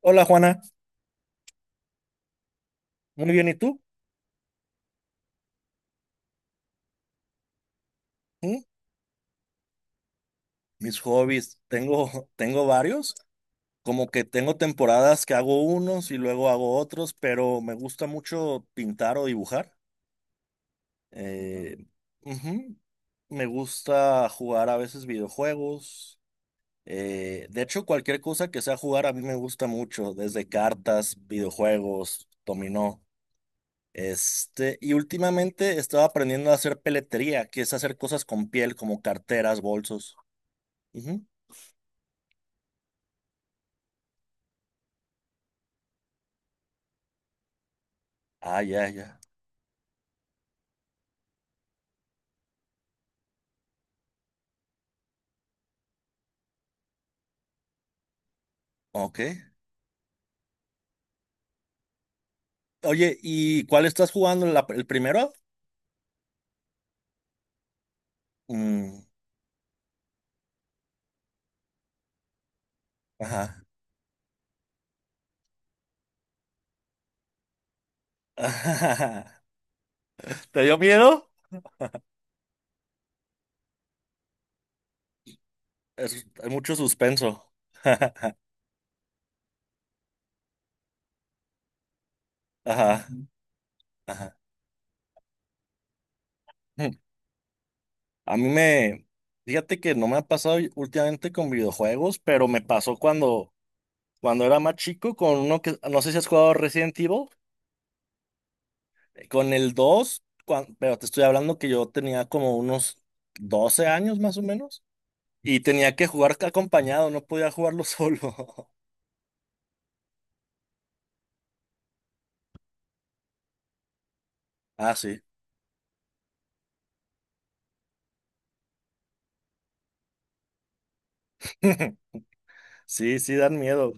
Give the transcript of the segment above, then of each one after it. Hola Juana, muy bien, ¿y tú? ¿Mm? Mis hobbies, tengo, tengo varios, como que tengo temporadas que hago unos y luego hago otros, pero me gusta mucho pintar o dibujar. Eh, Ujú. Me gusta jugar a veces videojuegos. De hecho, cualquier cosa que sea jugar a mí me gusta mucho, desde cartas, videojuegos, dominó. Y últimamente estaba aprendiendo a hacer peletería, que es hacer cosas con piel, como carteras, bolsos. Ah, ya, ya. Ok. Oye, ¿y cuál estás jugando? ¿El primero? Mm, ajá. ¿Te dio miedo? Hay mucho suspenso. Ajá, ajá. Mm. A mí me, fíjate que no me ha pasado últimamente con videojuegos, pero me pasó cuando, era más chico con uno que, no sé si has jugado Resident Evil, con el 2. Pero te estoy hablando que yo tenía como unos 12 años más o menos. Y tenía que jugar acompañado, no podía jugarlo solo. Ah, sí. Sí, sí, dan miedo.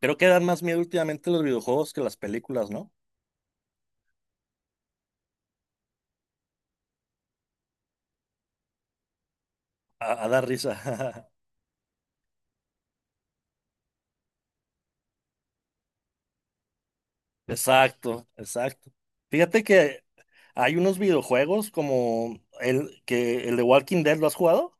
Creo que dan más miedo últimamente los videojuegos que las películas, ¿no? A dar risa. Exacto, exacto. Fíjate que hay unos videojuegos como el de Walking Dead, ¿lo has jugado?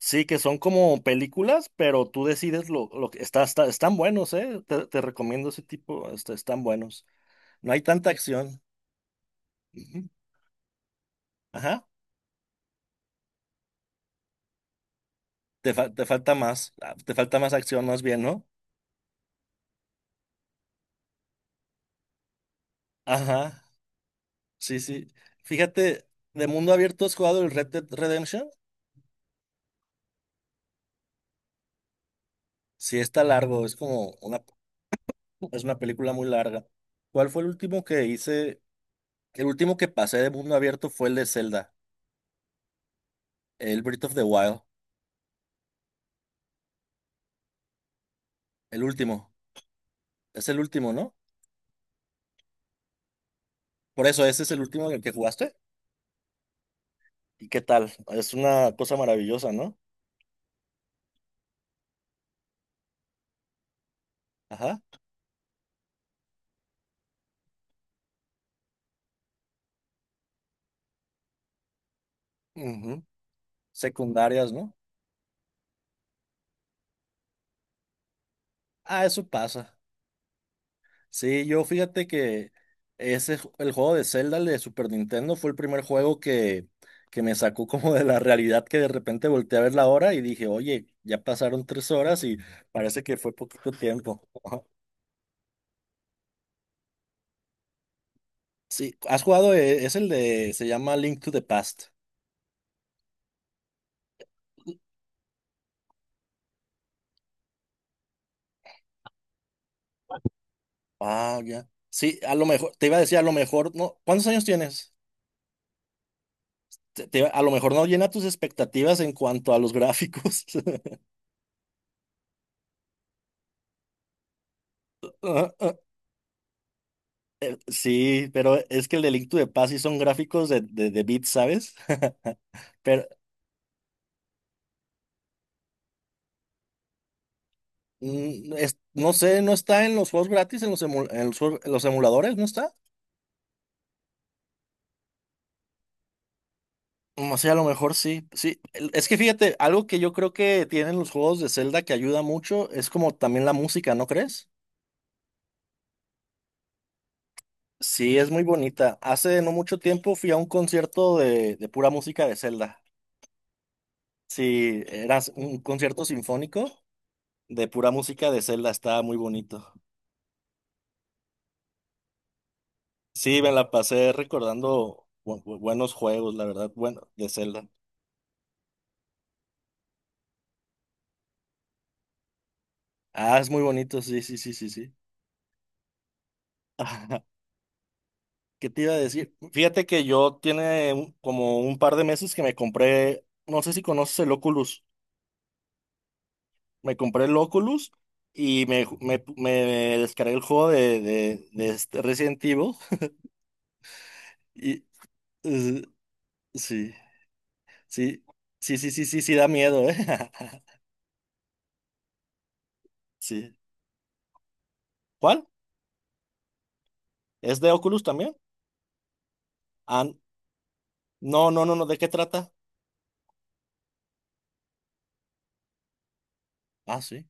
Sí, que son como películas, pero tú decides lo que están buenos, ¿eh? Te recomiendo ese tipo, están buenos. No hay tanta acción. Ujú. Ajá. Te falta más acción más bien, ¿no? Ajá, sí, sí. Fíjate, de mundo abierto has jugado el Red Dead Redemption. Sí, está largo, es una película muy larga. ¿Cuál fue el último que hice? El último que pasé de mundo abierto fue el de Zelda, el Breath of the Wild, el último. Es el último, ¿no? Por eso, ese es el último en el que jugaste. ¿Y qué tal? Es una cosa maravillosa, ¿no? Ajá. Ujú. Secundarias, ¿no? Ah, eso pasa. Sí, yo fíjate que el juego de Zelda el de Super Nintendo fue el primer juego que me sacó como de la realidad que de repente volteé a ver la hora y dije, oye, ya pasaron 3 horas y parece que fue poquito tiempo. Sí, has jugado, es el de, se llama Link to the Past. Ah, ya. Sí, a lo mejor, te iba a decir, a lo mejor, no, ¿cuántos años tienes? A lo mejor no llena tus expectativas en cuanto a los gráficos. Sí, pero es que el delicto de paz sí son gráficos de bits, ¿sabes? Pero no sé, ¿no está en los juegos gratis, en los emuladores? ¿No está? Mm, o sea, a lo mejor sí. Sí, es que fíjate, algo que yo creo que tienen los juegos de Zelda que ayuda mucho es como también la música, ¿no crees? Sí, es muy bonita. Hace no mucho tiempo fui a un concierto de pura música de Zelda. Sí, era un concierto sinfónico de pura música de Zelda, estaba muy bonito. Sí, me la pasé recordando buenos juegos, la verdad, bueno, de Zelda. Ah, es muy bonito, sí, sí, sí, sí, sí. ¿Qué te iba a decir? Fíjate que yo tiene como un par de meses que me compré, no sé si conoces el Oculus, me compré el Oculus y me descargué el juego de este Resident Evil y eh, sí, sí, sí, sí, sí, sí, sí, da miedo, ¿eh? Sí. ¿Cuál? ¿Es de Oculus también? Ah, no, no, no, no, ¿de qué trata? Ah, sí.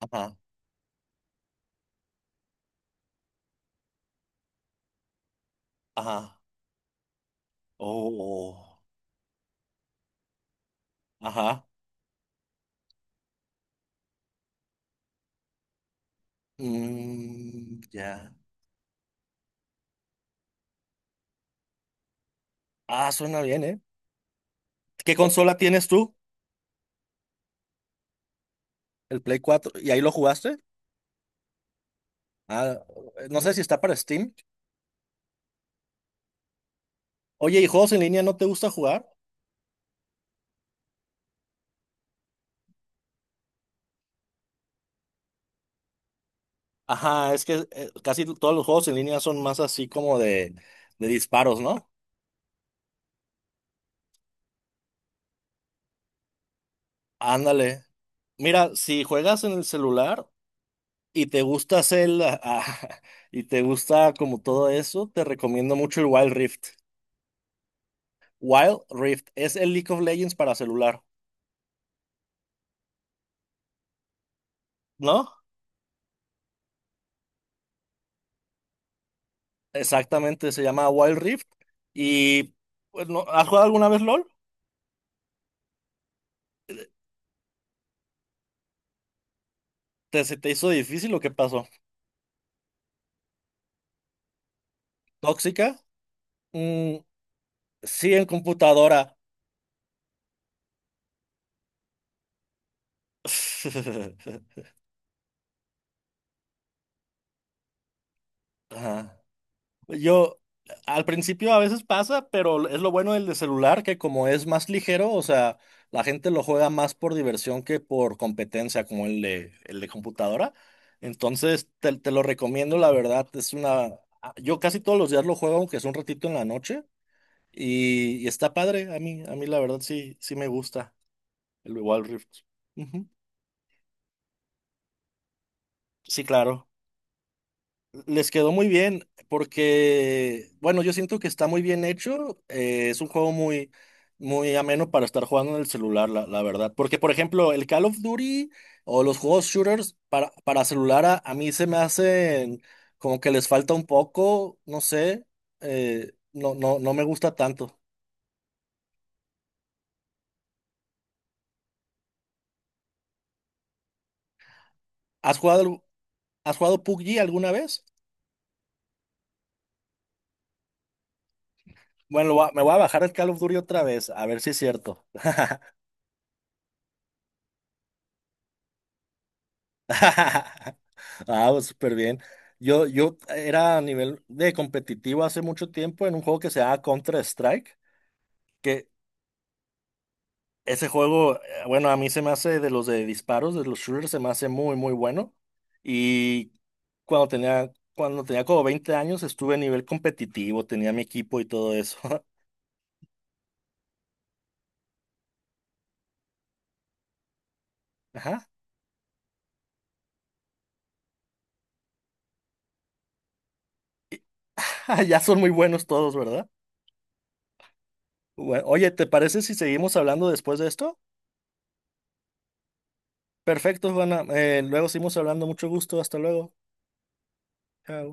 Ajá. Ajá. Oh, oh, ajá. Mm, ya. Ah, suena bien, ¿eh? ¿Qué consola tienes tú? El Play 4. ¿Y ahí lo jugaste? Ah, no sé si está para Steam. Oye, ¿y juegos en línea no te gusta jugar? Ajá, es que casi todos los juegos en línea son más así como de disparos, ¿no? Ándale. Mira, si juegas en el celular y te gusta hacer el- y te gusta como todo eso, te recomiendo mucho el Wild Rift. Wild Rift es el League of Legends para celular, ¿no? Exactamente, se llama Wild Rift. Y pues, ¿has jugado alguna vez LOL? ¿Se te hizo difícil o qué pasó? ¿Tóxica? Mm, sí, en computadora. Ajá. Yo, al principio a veces pasa, pero es lo bueno del de celular que como es más ligero, o sea, la gente lo juega más por diversión que por competencia como el de computadora. Entonces, te lo recomiendo, la verdad, es una... Yo casi todos los días lo juego, aunque es un ratito en la noche, y está padre, a mí la verdad sí, sí me gusta el Wild Rift. Ujú. Sí, claro. Les quedó muy bien porque, bueno, yo siento que está muy bien hecho. Es un juego muy, muy ameno para estar jugando en el celular, la verdad. Porque, por ejemplo, el Call of Duty o los juegos shooters para celular a mí se me hacen como que les falta un poco, no sé, no, no, no me gusta tanto. ¿Has jugado, algu- has jugado PUBG alguna vez? Bueno, me voy a bajar el Call of Duty otra vez, a ver si es cierto. Ah, pues, súper bien. Yo era a nivel de competitivo hace mucho tiempo en un juego que se llama Counter-Strike, que ese juego, bueno, a mí se me hace de los de disparos, de los shooters, se me hace muy, muy bueno. Y cuando tenía como 20 años estuve a nivel competitivo, tenía mi equipo y todo eso. Ajá. Ya son muy buenos todos, ¿verdad? Bueno, oye, ¿te parece si seguimos hablando después de esto? Perfecto, Juana. Luego seguimos hablando. Mucho gusto. Hasta luego. Chao.